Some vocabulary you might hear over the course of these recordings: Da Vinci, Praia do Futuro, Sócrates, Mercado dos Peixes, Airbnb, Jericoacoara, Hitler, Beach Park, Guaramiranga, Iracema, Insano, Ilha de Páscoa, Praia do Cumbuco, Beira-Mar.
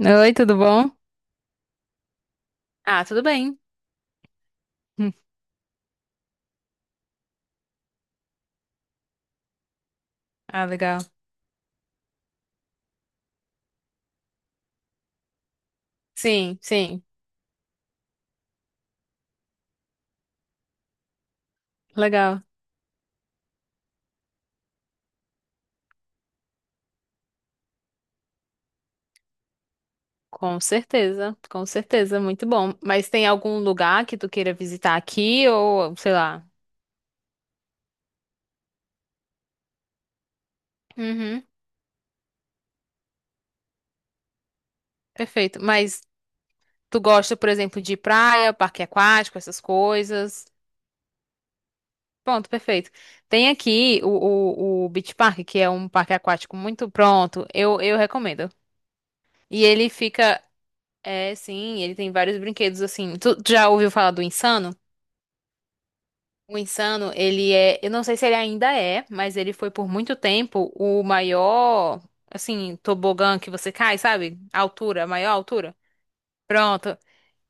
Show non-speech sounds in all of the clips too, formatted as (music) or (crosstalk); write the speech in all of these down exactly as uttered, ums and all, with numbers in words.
Oi, tudo bom? Ah, tudo bem. Hum. Ah, legal. Sim, sim, legal. Com certeza, com certeza, muito bom. Mas tem algum lugar que tu queira visitar aqui ou, sei lá? Uhum, perfeito. Mas tu gosta, por exemplo, de praia, parque aquático, essas coisas? Pronto, perfeito. Tem aqui o, o, o Beach Park, que é um parque aquático muito pronto. Eu, eu recomendo. E ele fica, é, sim, ele tem vários brinquedos assim. Tu, tu já ouviu falar do Insano? O Insano, ele é, eu não sei se ele ainda é, mas ele foi por muito tempo o maior, assim, tobogã que você cai, sabe? A altura, a maior altura. Pronto.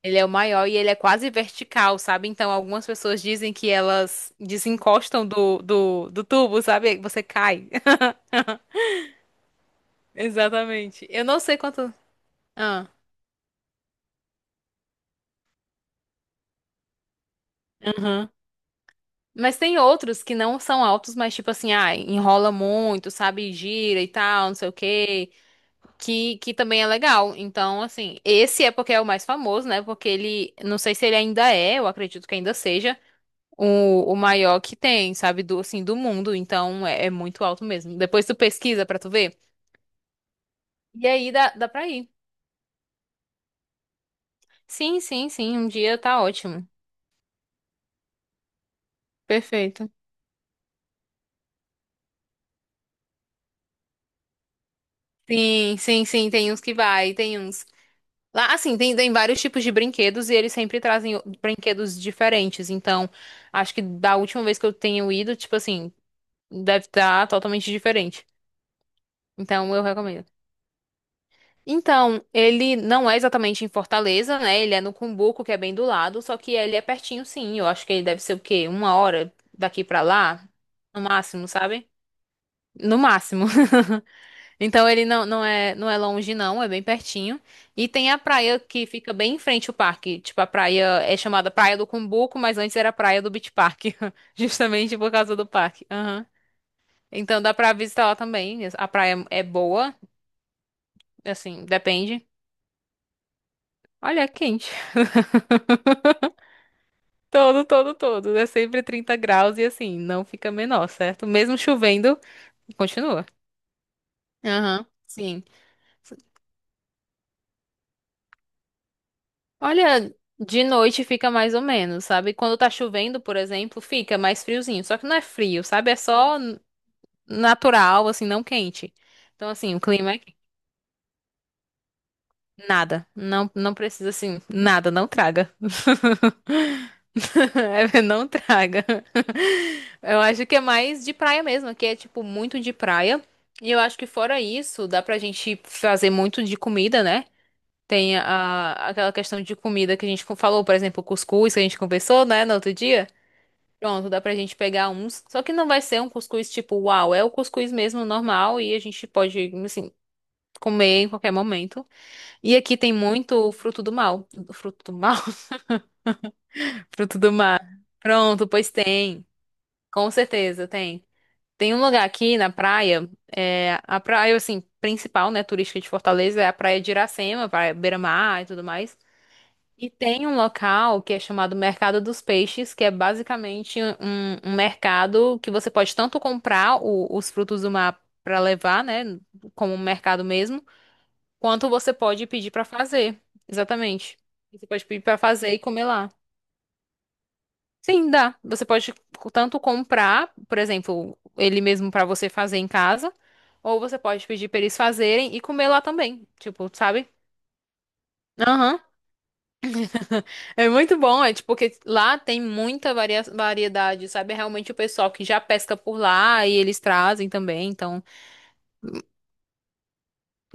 Ele é o maior e ele é quase vertical, sabe? Então, algumas pessoas dizem que elas desencostam do, do, do tubo, sabe? Você cai. (laughs) Exatamente. Eu não sei quanto. Ah, aham. Mas tem outros que não são altos, mas tipo assim, ah, enrola muito, sabe? Gira e tal, não sei o quê. Que, que também é legal. Então, assim, esse é porque é o mais famoso, né? Porque ele, não sei se ele ainda é, eu acredito que ainda seja, o, o maior que tem, sabe? Do, assim, do mundo. Então, é, é muito alto mesmo. Depois tu pesquisa pra tu ver. E aí dá, dá pra ir. Sim, sim, sim. Um dia tá ótimo. Perfeito. Sim, sim, sim. Tem uns que vai, tem uns. Lá, assim, tem, tem vários tipos de brinquedos e eles sempre trazem o- brinquedos diferentes. Então, acho que da última vez que eu tenho ido, tipo assim, deve estar totalmente diferente. Então, eu recomendo. Então, ele não é exatamente em Fortaleza, né? Ele é no Cumbuco, que é bem do lado, só que ele é pertinho, sim. Eu acho que ele deve ser o quê? Uma hora daqui pra lá, no máximo, sabe? No máximo. (laughs) Então, ele não, não é, não é longe, não, é bem pertinho. E tem a praia que fica bem em frente ao parque. Tipo, a praia é chamada Praia do Cumbuco, mas antes era Praia do Beach Park, (laughs) justamente por causa do parque. Aham. Então, dá pra visitar lá também. A praia é boa. Assim, depende. Olha, é quente. (laughs) Todo, todo, todo. É sempre trinta graus e assim, não fica menor, certo? Mesmo chovendo, continua. Aham, sim. Olha, de noite fica mais ou menos, sabe? Quando tá chovendo, por exemplo, fica mais friozinho. Só que não é frio, sabe? É só n- natural, assim, não quente. Então, assim, o clima é. Nada. Não, não precisa assim. Nada, não traga. (laughs) (laughs) Não traga. Eu acho que é mais de praia mesmo, que é tipo muito de praia. E eu acho que fora isso, dá pra gente fazer muito de comida, né? Tem a, aquela questão de comida que a gente falou, por exemplo, cuscuz que a gente conversou, né, no outro dia. Pronto, dá pra gente pegar uns. Só que não vai ser um cuscuz tipo, uau, é o cuscuz mesmo normal e a gente pode, assim, comer em qualquer momento. E aqui tem muito fruto do mal. Fruto do mal? (laughs) Fruto do mar. Pronto, pois tem. Com certeza, tem. Tem um lugar aqui na praia, é, a praia, assim, principal, né, turística de Fortaleza, é a praia de Iracema, praia Beira-Mar e tudo mais. E tem um local que é chamado Mercado dos Peixes, que é basicamente um, um mercado que você pode tanto comprar o- os frutos do mar para levar, né, como um mercado mesmo, quanto você pode pedir pra fazer. Exatamente. Você pode pedir pra fazer e comer lá. Sim, dá. Você pode tanto comprar, por exemplo, ele mesmo pra você fazer em casa, ou você pode pedir pra eles fazerem e comer lá também. Tipo, sabe? Aham. (laughs) É muito bom, é tipo, porque lá tem muita varia- variedade, sabe? É realmente o pessoal que já pesca por lá e eles trazem também, então.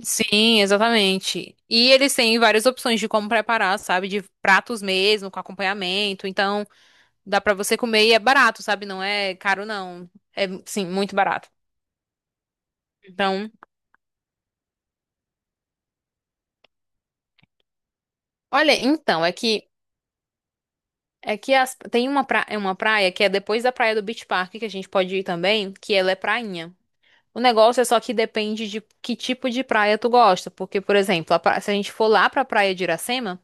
Sim, exatamente. E eles têm várias opções de como preparar, sabe? De pratos mesmo, com acompanhamento. Então, dá pra você comer e é barato, sabe? Não é caro, não. É, sim, muito barato. Então, olha, então, é que é que as- tem uma, pra, é uma praia que é depois da praia do Beach Park, que a gente pode ir também, que ela é prainha. O negócio é só que depende de que tipo de praia tu gosta. Porque, por exemplo, a pra- se a gente for lá pra praia de Iracema.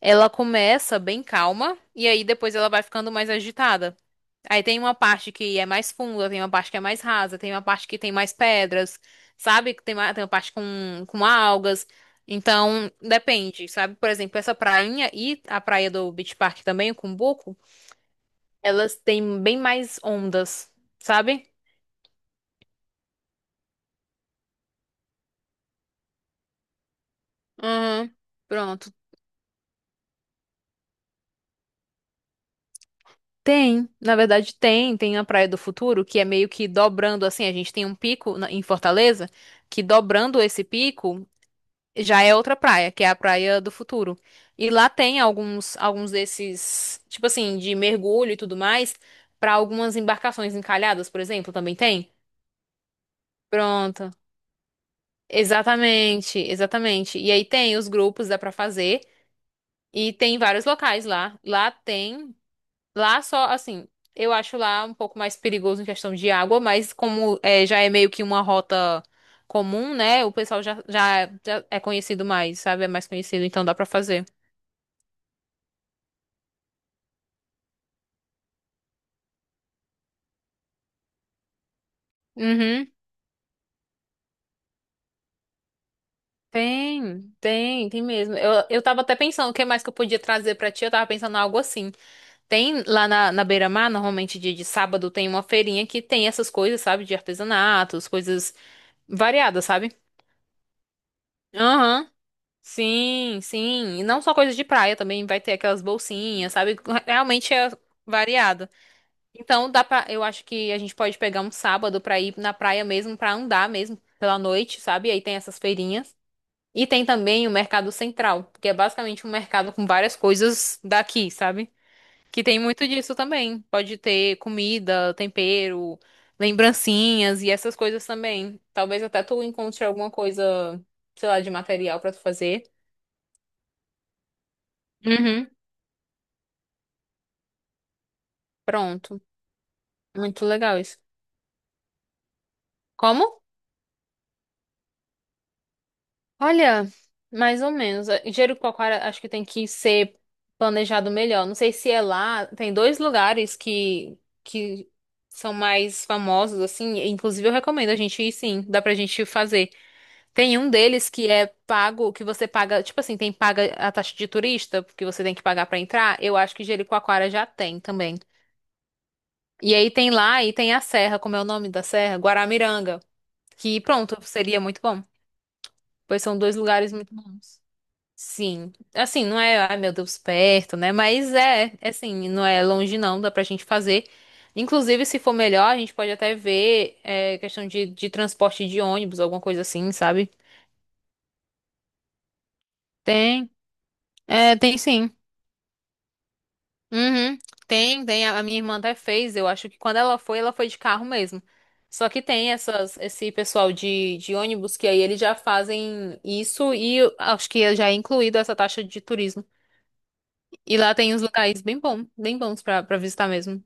Ela começa bem calma e aí depois ela vai ficando mais agitada. Aí tem uma parte que é mais funda, tem uma parte que é mais rasa, tem uma parte que tem mais pedras, sabe? Tem uma, tem uma parte com, com algas. Então, depende, sabe? Por exemplo, essa prainha e a praia do Beach Park também, o Cumbuco, elas têm bem mais ondas, sabe? Uhum. Pronto. Tem, na verdade tem, tem a Praia do Futuro, que é meio que dobrando assim, a gente tem um pico na- em Fortaleza, que dobrando esse pico já é outra praia, que é a Praia do Futuro. E lá tem alguns alguns desses, tipo assim, de mergulho e tudo mais, para algumas embarcações encalhadas, por exemplo, também tem. Pronto. Exatamente, exatamente. E aí tem os grupos, dá pra fazer, e tem vários locais lá. Lá tem Lá só, assim, eu acho lá um pouco mais perigoso em questão de água, mas como é, já é meio que uma rota comum, né? O pessoal já, já, já é conhecido mais, sabe? É mais conhecido, então dá pra fazer. Uhum. Tem, tem, tem mesmo. Eu, eu tava até pensando o que mais que eu podia trazer pra ti. Eu tava pensando em algo assim. Tem lá na, na beira-mar, normalmente dia de sábado, tem uma feirinha que tem essas coisas, sabe? De artesanatos, coisas variadas, sabe? Aham. Sim, sim. E não só coisas de praia, também vai ter aquelas bolsinhas, sabe? (laughs) Realmente é variado. Então dá pra, eu acho que a gente pode pegar um sábado pra ir na praia mesmo, pra andar mesmo pela noite, sabe? Aí tem essas feirinhas. E tem também o Mercado Central, que é basicamente um mercado com várias coisas daqui, sabe? Que tem muito disso também. Pode ter comida, tempero, lembrancinhas e essas coisas também. Talvez até tu encontre alguma coisa, sei lá, de material pra tu fazer. Uhum. Pronto. Muito legal isso. Como? Olha, mais ou menos. Eh, Jericoacoara acho que tem que ser planejado melhor. Não sei se é lá. Tem dois lugares que, que são mais famosos, assim. Inclusive, eu recomendo a gente ir, sim. Dá pra gente fazer. Tem um deles que é pago, que você paga. Tipo assim, tem paga a taxa de turista, porque você tem que pagar pra entrar. Eu acho que Jericoacoara já tem também. E aí tem lá e tem a serra. Como é o nome da serra? Guaramiranga. Que pronto, seria muito bom, pois são dois lugares muito bons. Sim. Assim, não é, ai meu Deus, perto, né? Mas é, é assim, não é longe não, dá pra gente fazer. Inclusive, se for melhor, a gente pode até ver é, questão de, de transporte de ônibus, alguma coisa assim, sabe? Tem, é, tem sim. Uhum. Tem, tem. A a minha irmã até fez. Eu acho que quando ela foi, ela foi de carro mesmo. Só que tem essas, esse pessoal de, de ônibus que aí eles já fazem isso e eu acho que já é incluído essa taxa de turismo. E lá tem uns locais bem bons, bem bons pra, pra visitar mesmo.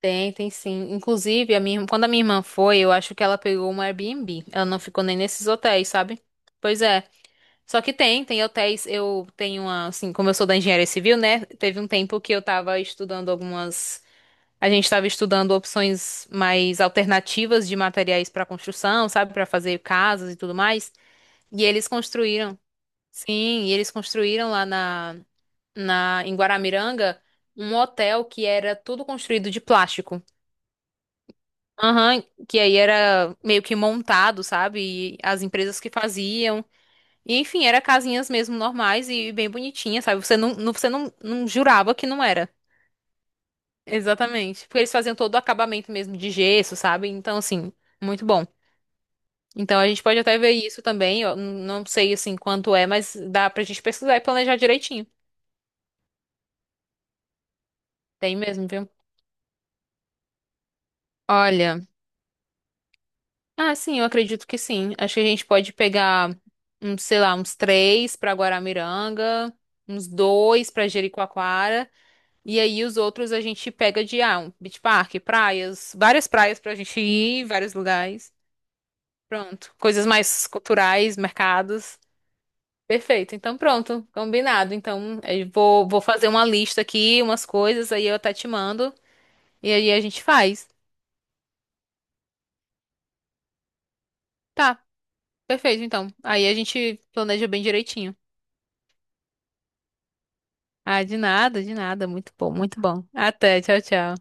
Tem, tem sim. Inclusive, a minha, quando a minha irmã foi, eu acho que ela pegou um Airbnb. Ela não ficou nem nesses hotéis, sabe? Pois é. Só que tem, tem hotéis. Eu tenho uma, assim, como eu sou da engenharia civil, né? Teve um tempo que eu tava estudando algumas. A gente tava estudando opções mais alternativas de materiais pra construção, sabe? Pra fazer casas e tudo mais. E eles construíram. Sim, e eles construíram lá na na, em Guaramiranga um hotel que era tudo construído de plástico. Aham, que aí era meio que montado, sabe? E as empresas que faziam. E, enfim, era casinhas mesmo normais e bem bonitinhas, sabe? Você não, não- você não, não jurava que não era. Exatamente. Porque eles faziam todo o acabamento mesmo de gesso, sabe? Então, assim, muito bom. Então a gente pode até ver isso também. Eu não sei assim quanto é, mas dá pra gente pesquisar e planejar direitinho. Tem mesmo, viu? Olha. Ah, sim, eu acredito que sim. Acho que a gente pode pegar, uns, sei lá, uns três pra Guaramiranga, uns dois pra Jericoacoara, e aí os outros a gente pega de, ah, um beach park, praias, várias praias pra gente ir, vários lugares. Pronto. Coisas mais culturais, mercados. Perfeito. Então, pronto, combinado. Então, eu vou, vou fazer uma lista aqui, umas coisas, aí eu até te mando, e aí a gente faz. Tá, perfeito, então. Aí a gente planeja bem direitinho. Ah, de nada, de nada. Muito bom, muito bom. Até, tchau, tchau.